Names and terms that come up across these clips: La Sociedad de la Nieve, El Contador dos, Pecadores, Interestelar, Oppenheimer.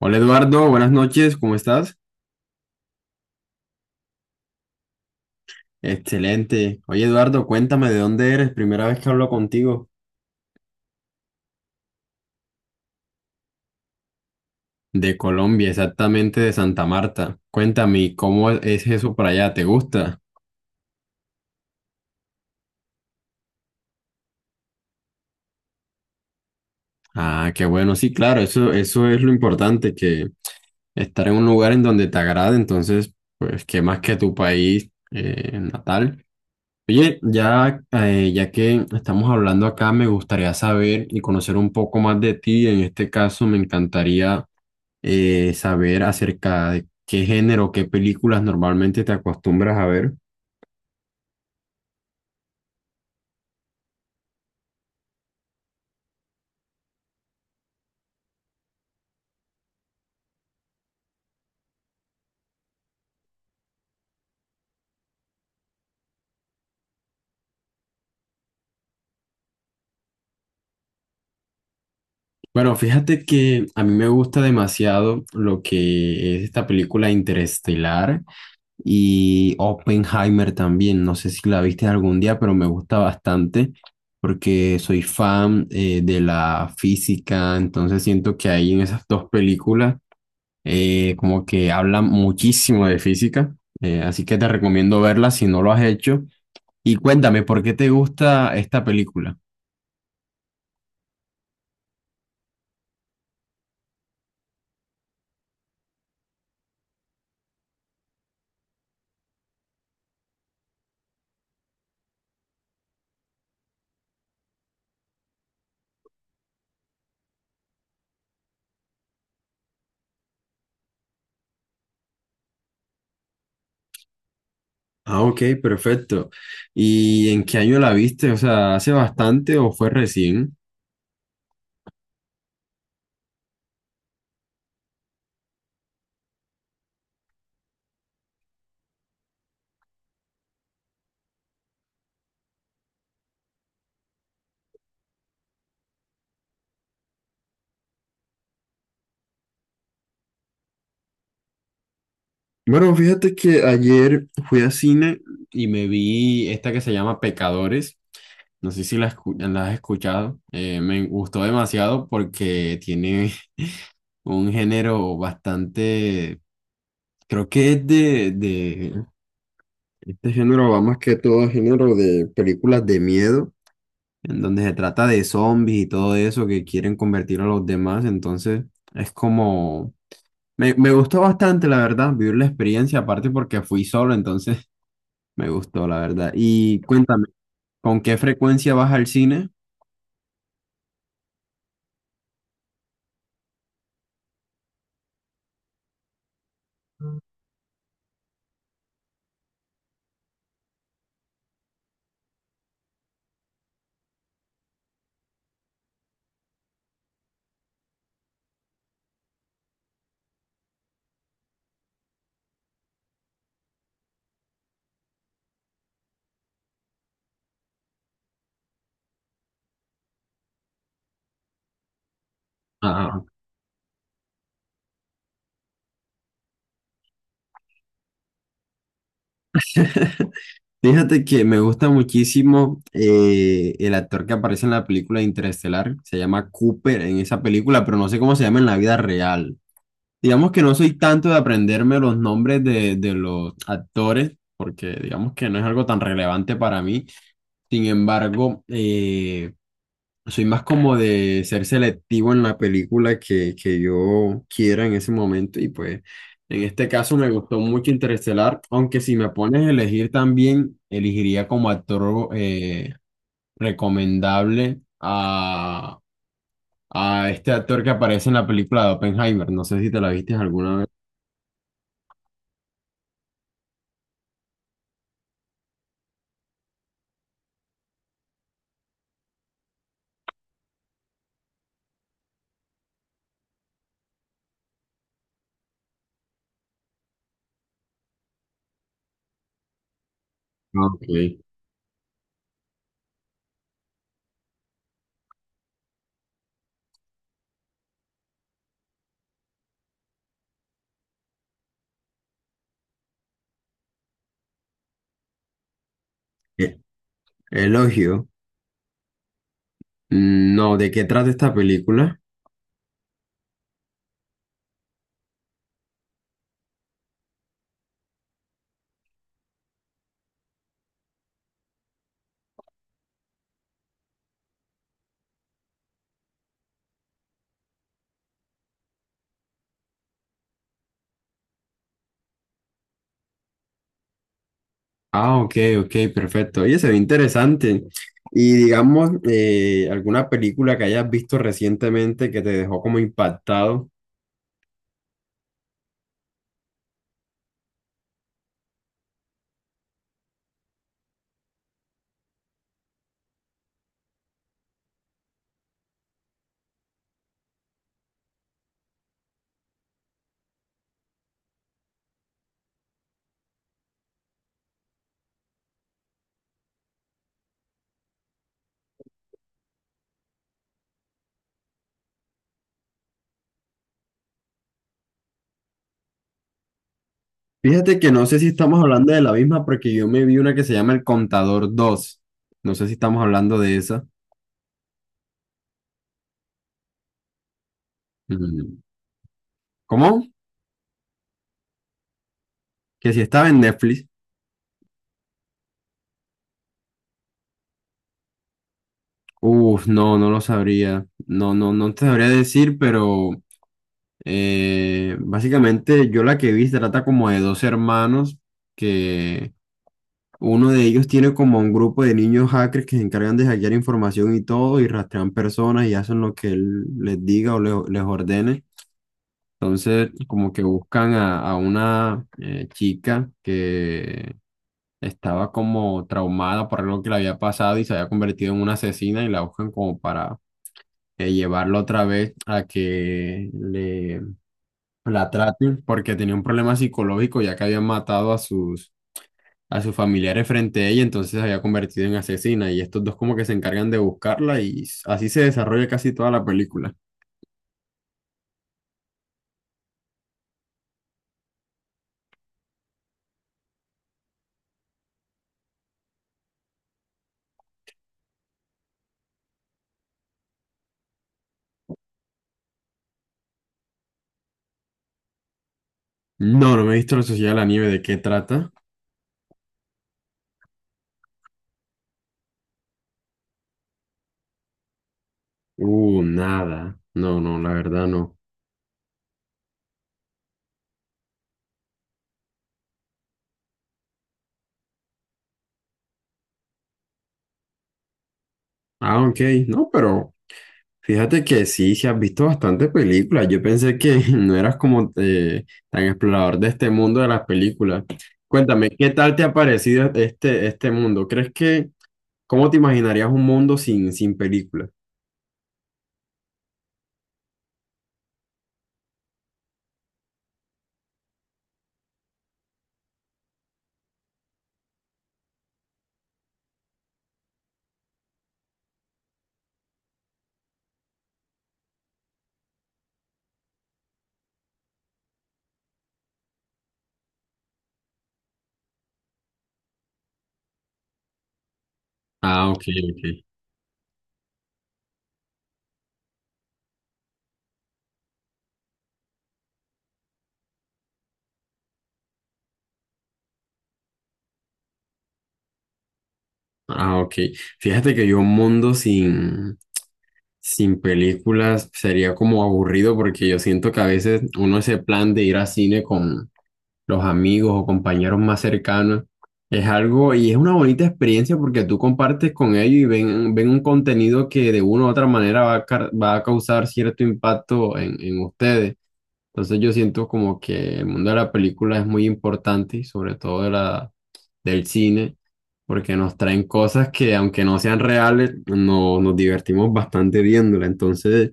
Hola Eduardo, buenas noches, ¿cómo estás? Excelente. Oye Eduardo, cuéntame de dónde eres, primera vez que hablo contigo. De Colombia, exactamente de Santa Marta. Cuéntame, ¿cómo es eso para allá? ¿Te gusta? Ah, qué bueno, sí, claro, eso es lo importante, que estar en un lugar en donde te agrade, entonces, pues, qué más que tu país natal. Oye, ya, ya que estamos hablando acá, me gustaría saber y conocer un poco más de ti. En este caso, me encantaría saber acerca de qué género, qué películas normalmente te acostumbras a ver. Bueno, fíjate que a mí me gusta demasiado lo que es esta película Interestelar y Oppenheimer también. No sé si la viste algún día, pero me gusta bastante porque soy fan de la física, entonces siento que ahí en esas dos películas como que hablan muchísimo de física, así que te recomiendo verlas si no lo has hecho. Y cuéntame, ¿por qué te gusta esta película? Ah, ok, perfecto. ¿Y en qué año la viste? O sea, ¿hace bastante o fue recién? Bueno, fíjate que ayer fui a cine y me vi esta que se llama Pecadores. No sé si la, la has escuchado. Me gustó demasiado porque tiene un género bastante, creo que es de este género va más que todo a género de películas de miedo, en donde se trata de zombies y todo eso que quieren convertir a los demás. Entonces, es como... Me gustó bastante, la verdad, vivir la experiencia, aparte porque fui solo, entonces me gustó, la verdad. Y cuéntame, ¿con qué frecuencia vas al cine? Ah, fíjate que me gusta muchísimo el actor que aparece en la película Interestelar, se llama Cooper en esa película, pero no sé cómo se llama en la vida real. Digamos que no soy tanto de aprenderme los nombres de los actores, porque digamos que no es algo tan relevante para mí. Sin embargo, soy más como de ser selectivo en la película que yo quiera en ese momento. Y pues en este caso me gustó mucho Interestelar, aunque si me pones a elegir también, elegiría como actor recomendable a este actor que aparece en la película de Oppenheimer. No sé si te la viste alguna vez. Ah, ok. Eh, Elogio. Mm, no, ¿de qué trata esta película? Ah, ok, ok, perfecto. Oye, se ve interesante. Y digamos, alguna película que hayas visto recientemente que te dejó como impactado. Fíjate que no sé si estamos hablando de la misma porque yo me vi una que se llama El Contador dos. No sé si estamos hablando de esa. Mm, ¿cómo? Que si estaba en Netflix. Uf, no, no lo sabría. No te sabría decir, pero básicamente yo la que vi se trata como de dos hermanos que uno de ellos tiene como un grupo de niños hackers que se encargan de hackear información y todo y rastrean personas y hacen lo que él les diga o les ordene. Entonces como que buscan a una chica que estaba como traumada por algo que le había pasado y se había convertido en una asesina y la buscan como para llevarla otra vez a que le la traten porque tenía un problema psicológico ya que habían matado a sus familiares frente a ella, entonces se había convertido en asesina y estos dos como que se encargan de buscarla y así se desarrolla casi toda la película. No, no me he visto La Sociedad de la Nieve, ¿de qué trata? Nada. No, no, la verdad no. Ah, ok, no, pero fíjate que sí, sí has visto bastantes películas. Yo pensé que no eras como tan explorador de este mundo de las películas. Cuéntame, ¿qué tal te ha parecido este mundo? ¿Crees que ¿cómo te imaginarías un mundo sin, sin películas? Ah, ok, ok. Ah, ok. Fíjate que yo un mundo sin, sin películas sería como aburrido porque yo siento que a veces uno ese plan de ir al cine con los amigos o compañeros más cercanos es algo y es una bonita experiencia porque tú compartes con ellos y ven un contenido que de una u otra manera va a, va a causar cierto impacto en ustedes. Entonces yo siento como que el mundo de la película es muy importante y sobre todo de la, del cine, porque nos traen cosas que aunque no sean reales, no, nos divertimos bastante viéndola. Entonces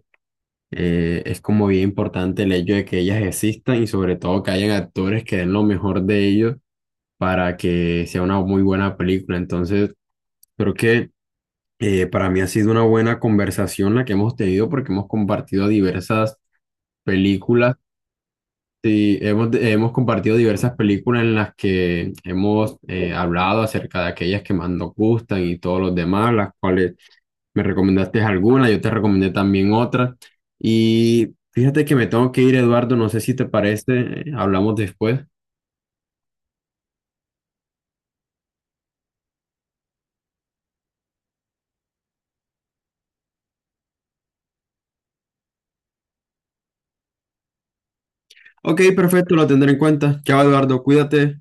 es como bien importante el hecho de que ellas existan y sobre todo que hayan actores que den lo mejor de ellos para que sea una muy buena película. Entonces creo que para mí ha sido una buena conversación la que hemos tenido porque hemos compartido diversas películas. Sí, hemos compartido diversas películas en las que hemos hablado acerca de aquellas que más nos gustan y todos los demás, las cuales me recomendaste algunas, yo te recomendé también otras. Y fíjate que me tengo que ir, Eduardo, no sé si te parece, hablamos después. Ok, perfecto, lo tendré en cuenta. Chao, Eduardo, cuídate.